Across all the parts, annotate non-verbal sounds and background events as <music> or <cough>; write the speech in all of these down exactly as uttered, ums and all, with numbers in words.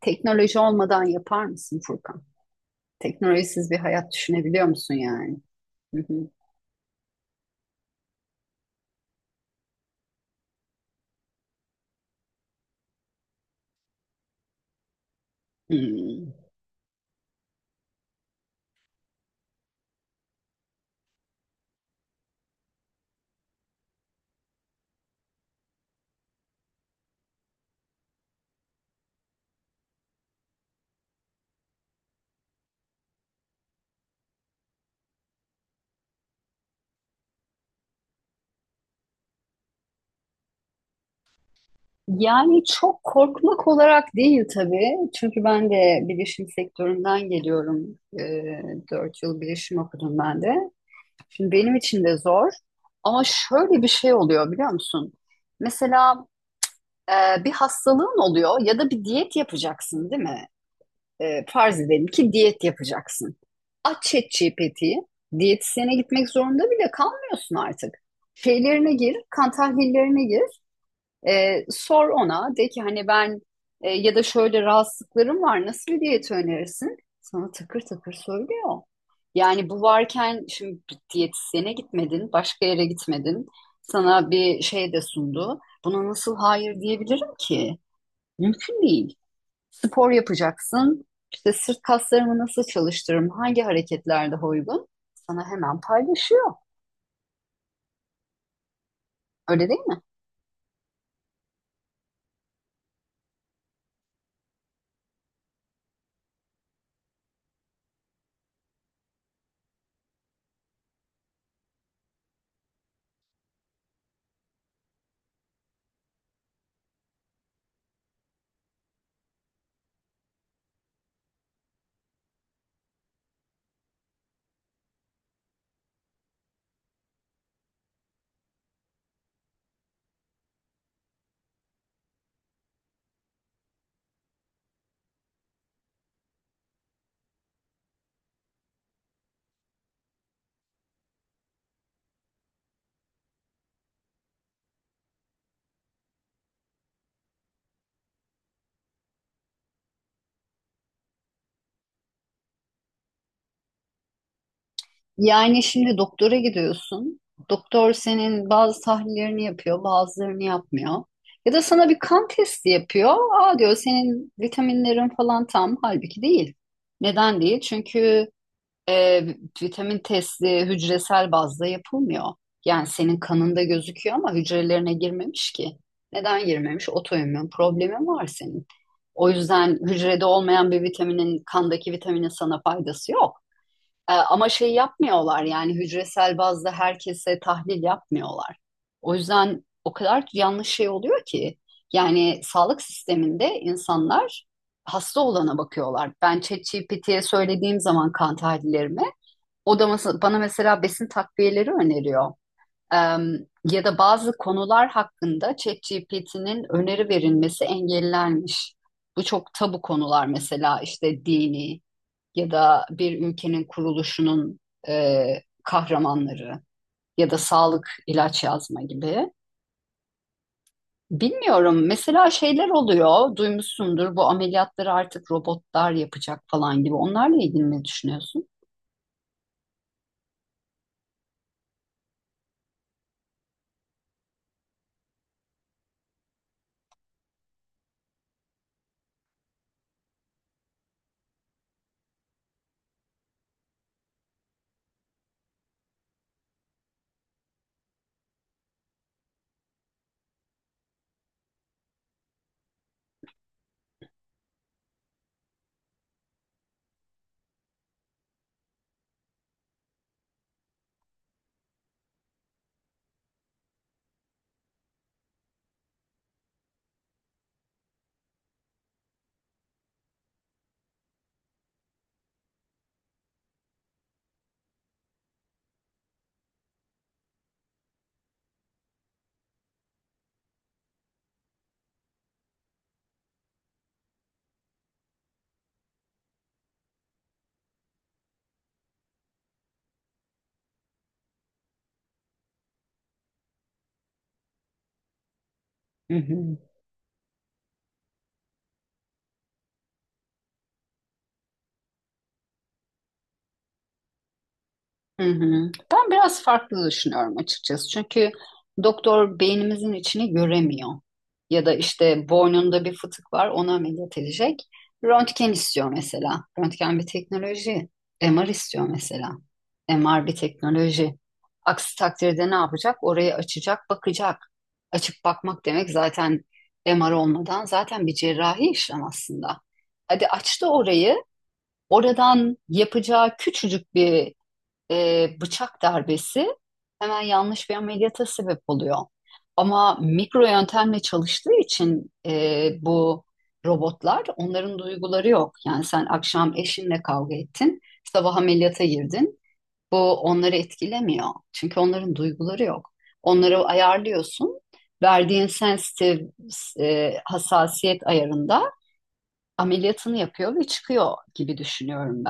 Teknoloji olmadan yapar mısın Furkan? Teknolojisiz bir hayat düşünebiliyor musun yani? Hı hı. Hmm. Yani çok korkmak olarak değil tabii. Çünkü ben de bilişim sektöründen geliyorum. Ee, dört yıl bilişim okudum ben de. Şimdi benim için de zor. Ama şöyle bir şey oluyor biliyor musun? Mesela e, bir hastalığın oluyor ya da bir diyet yapacaksın değil mi? e, farz edelim ki diyet yapacaksın. Aç ChatGPT'yi. Diyetisyene gitmek zorunda bile kalmıyorsun artık. Şeylerine gir, kan tahlillerine gir. E, sor ona. De ki hani ben e, ya da şöyle rahatsızlıklarım var. Nasıl bir diyet önerirsin? Sana takır takır söylüyor. Yani bu varken şimdi bir diyetisyene gitmedin, başka yere gitmedin. Sana bir şey de sundu. Buna nasıl hayır diyebilirim ki? Mümkün değil. Spor yapacaksın. İşte sırt kaslarımı nasıl çalıştırırım? Hangi hareketlerde uygun? Sana hemen paylaşıyor. Öyle değil mi? Yani şimdi doktora gidiyorsun. Doktor senin bazı tahlillerini yapıyor, bazılarını yapmıyor. Ya da sana bir kan testi yapıyor. Aa diyor senin vitaminlerin falan tam. Halbuki değil. Neden değil? Çünkü e, vitamin testi hücresel bazda yapılmıyor. Yani senin kanında gözüküyor ama hücrelerine girmemiş ki. Neden girmemiş? Otoimmün problemin var senin. O yüzden hücrede olmayan bir vitaminin, kandaki vitaminin sana faydası yok. E, ama şey yapmıyorlar yani hücresel bazda herkese tahlil yapmıyorlar. O yüzden o kadar yanlış şey oluyor ki. Yani sağlık sisteminde insanlar hasta olana bakıyorlar. Ben ChatGPT'ye ye söylediğim zaman kan tahlillerimi o da mes- bana mesela besin takviyeleri öneriyor. Em, ya da bazı konular hakkında ChatGPT'nin öneri verilmesi engellenmiş. Bu çok tabu konular mesela işte dini ya da bir ülkenin kuruluşunun e, kahramanları ya da sağlık ilaç yazma gibi. Bilmiyorum mesela şeyler oluyor duymuşsundur bu ameliyatları artık robotlar yapacak falan gibi. Onlarla ilgili ne düşünüyorsun? Hı hı. Hı hı. Ben biraz farklı düşünüyorum açıkçası. Çünkü doktor beynimizin içini göremiyor. Ya da işte boynunda bir fıtık var, ona ameliyat edecek. Röntgen istiyor mesela. Röntgen bir teknoloji. M R istiyor mesela. M R bir teknoloji. Aksi takdirde ne yapacak? Orayı açacak, bakacak. Açıp bakmak demek zaten M R olmadan zaten bir cerrahi işlem aslında. Hadi açtı orayı. Oradan yapacağı küçücük bir e, bıçak darbesi hemen yanlış bir ameliyata sebep oluyor. Ama mikro yöntemle çalıştığı için e, bu robotlar onların duyguları yok. Yani sen akşam eşinle kavga ettin, sabah ameliyata girdin. Bu onları etkilemiyor. Çünkü onların duyguları yok. Onları ayarlıyorsun. Verdiğin sensitive e, hassasiyet ayarında ameliyatını yapıyor ve çıkıyor gibi düşünüyorum.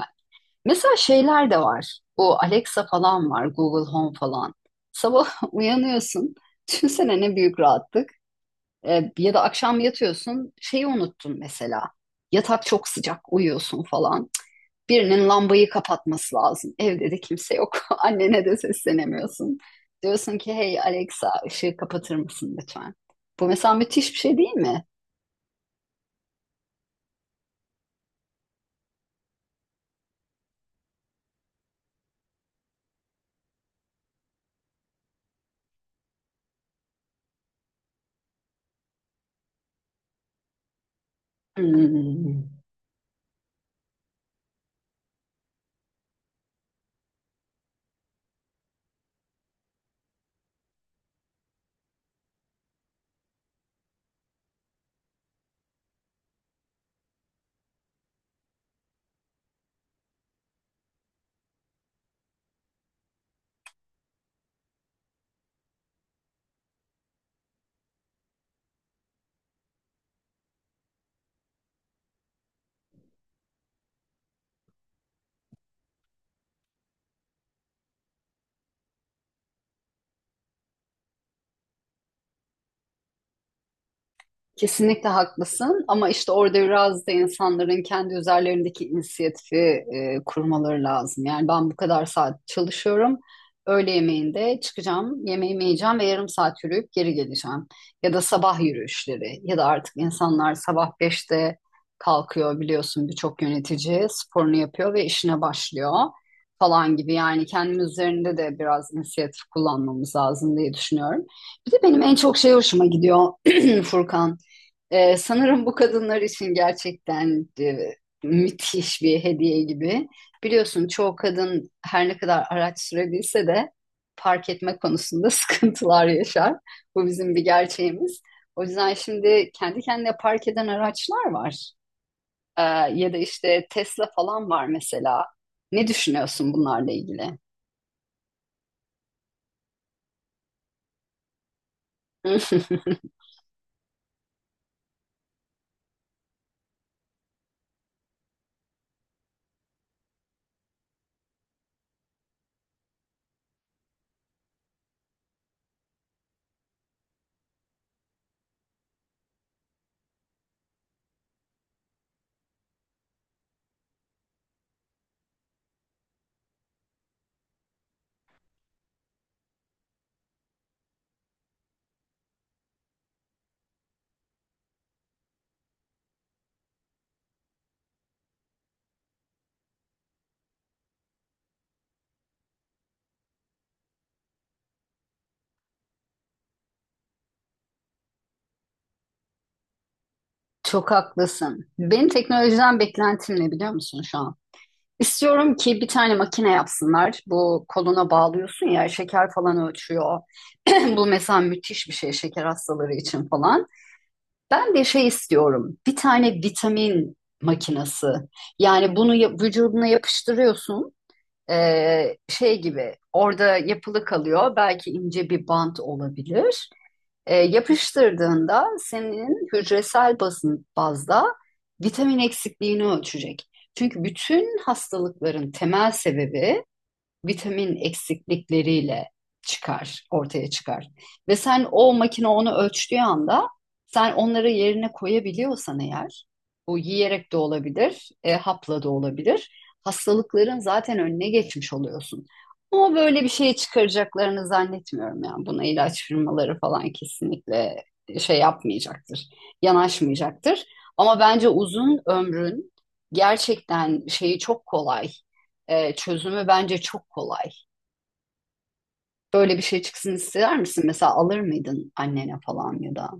Mesela şeyler de var. Bu Alexa falan var, Google Home falan. Sabah <laughs> uyanıyorsun. Düşünsene ne büyük rahatlık. Ee, ya da akşam yatıyorsun, şeyi unuttun mesela. Yatak çok sıcak, uyuyorsun falan. Cık, Birinin lambayı kapatması lazım. Evde de kimse yok. <laughs> Annene de seslenemiyorsun. Diyorsun ki hey Alexa ışığı kapatır mısın lütfen? Bu mesela müthiş bir şey değil mi? Hmm. Kesinlikle haklısın ama işte orada biraz da insanların kendi üzerlerindeki inisiyatifi e, kurmaları lazım. Yani ben bu kadar saat çalışıyorum. Öğle yemeğinde çıkacağım, yemeğimi yiyeceğim ve yarım saat yürüyüp geri geleceğim. Ya da sabah yürüyüşleri ya da artık insanlar sabah beşte kalkıyor biliyorsun birçok yönetici sporunu yapıyor ve işine başlıyor falan gibi. Yani kendimiz üzerinde de biraz inisiyatif kullanmamız lazım diye düşünüyorum. Bir de benim en çok şey hoşuma gidiyor <clears throat> Furkan. Ee, sanırım bu kadınlar için gerçekten e, müthiş bir hediye gibi. Biliyorsun çoğu kadın her ne kadar araç sürebilse de park etme konusunda <laughs> sıkıntılar yaşar. Bu bizim bir gerçeğimiz. O yüzden şimdi kendi kendine park eden araçlar var. Ee, ya da işte Tesla falan var mesela. Ne düşünüyorsun bunlarla ilgili? <laughs> Çok haklısın. Benim teknolojiden beklentim ne biliyor musun şu an? İstiyorum ki bir tane makine yapsınlar. Bu koluna bağlıyorsun ya şeker falan ölçüyor. <clears throat> Bu mesela müthiş bir şey şeker hastaları için falan. Ben de şey istiyorum. Bir tane vitamin makinesi. Yani bunu ya- vücuduna yapıştırıyorsun. Ee, şey gibi orada yapılı kalıyor. Belki ince bir bant olabilir. E, yapıştırdığında senin hücresel basın bazda vitamin eksikliğini ölçecek. Çünkü bütün hastalıkların temel sebebi vitamin eksiklikleriyle çıkar, ortaya çıkar. Ve sen o makine onu ölçtüğü anda sen onları yerine koyabiliyorsan eğer, bu yiyerek de olabilir, e, hapla da olabilir. Hastalıkların zaten önüne geçmiş oluyorsun. Ama böyle bir şey çıkaracaklarını zannetmiyorum yani. Buna ilaç firmaları falan kesinlikle şey yapmayacaktır, yanaşmayacaktır. Ama bence uzun ömrün gerçekten şeyi çok kolay e, çözümü bence çok kolay. Böyle bir şey çıksın ister misin? Mesela alır mıydın annene falan ya da?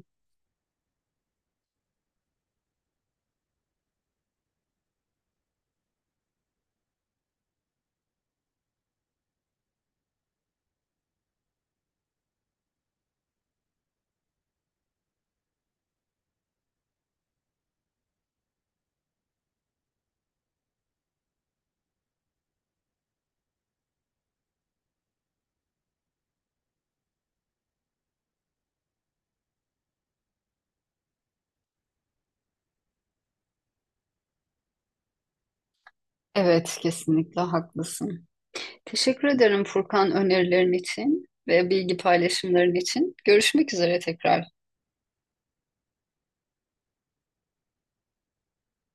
Evet, kesinlikle haklısın. Teşekkür ederim Furkan önerilerin için ve bilgi paylaşımların için. Görüşmek üzere tekrar.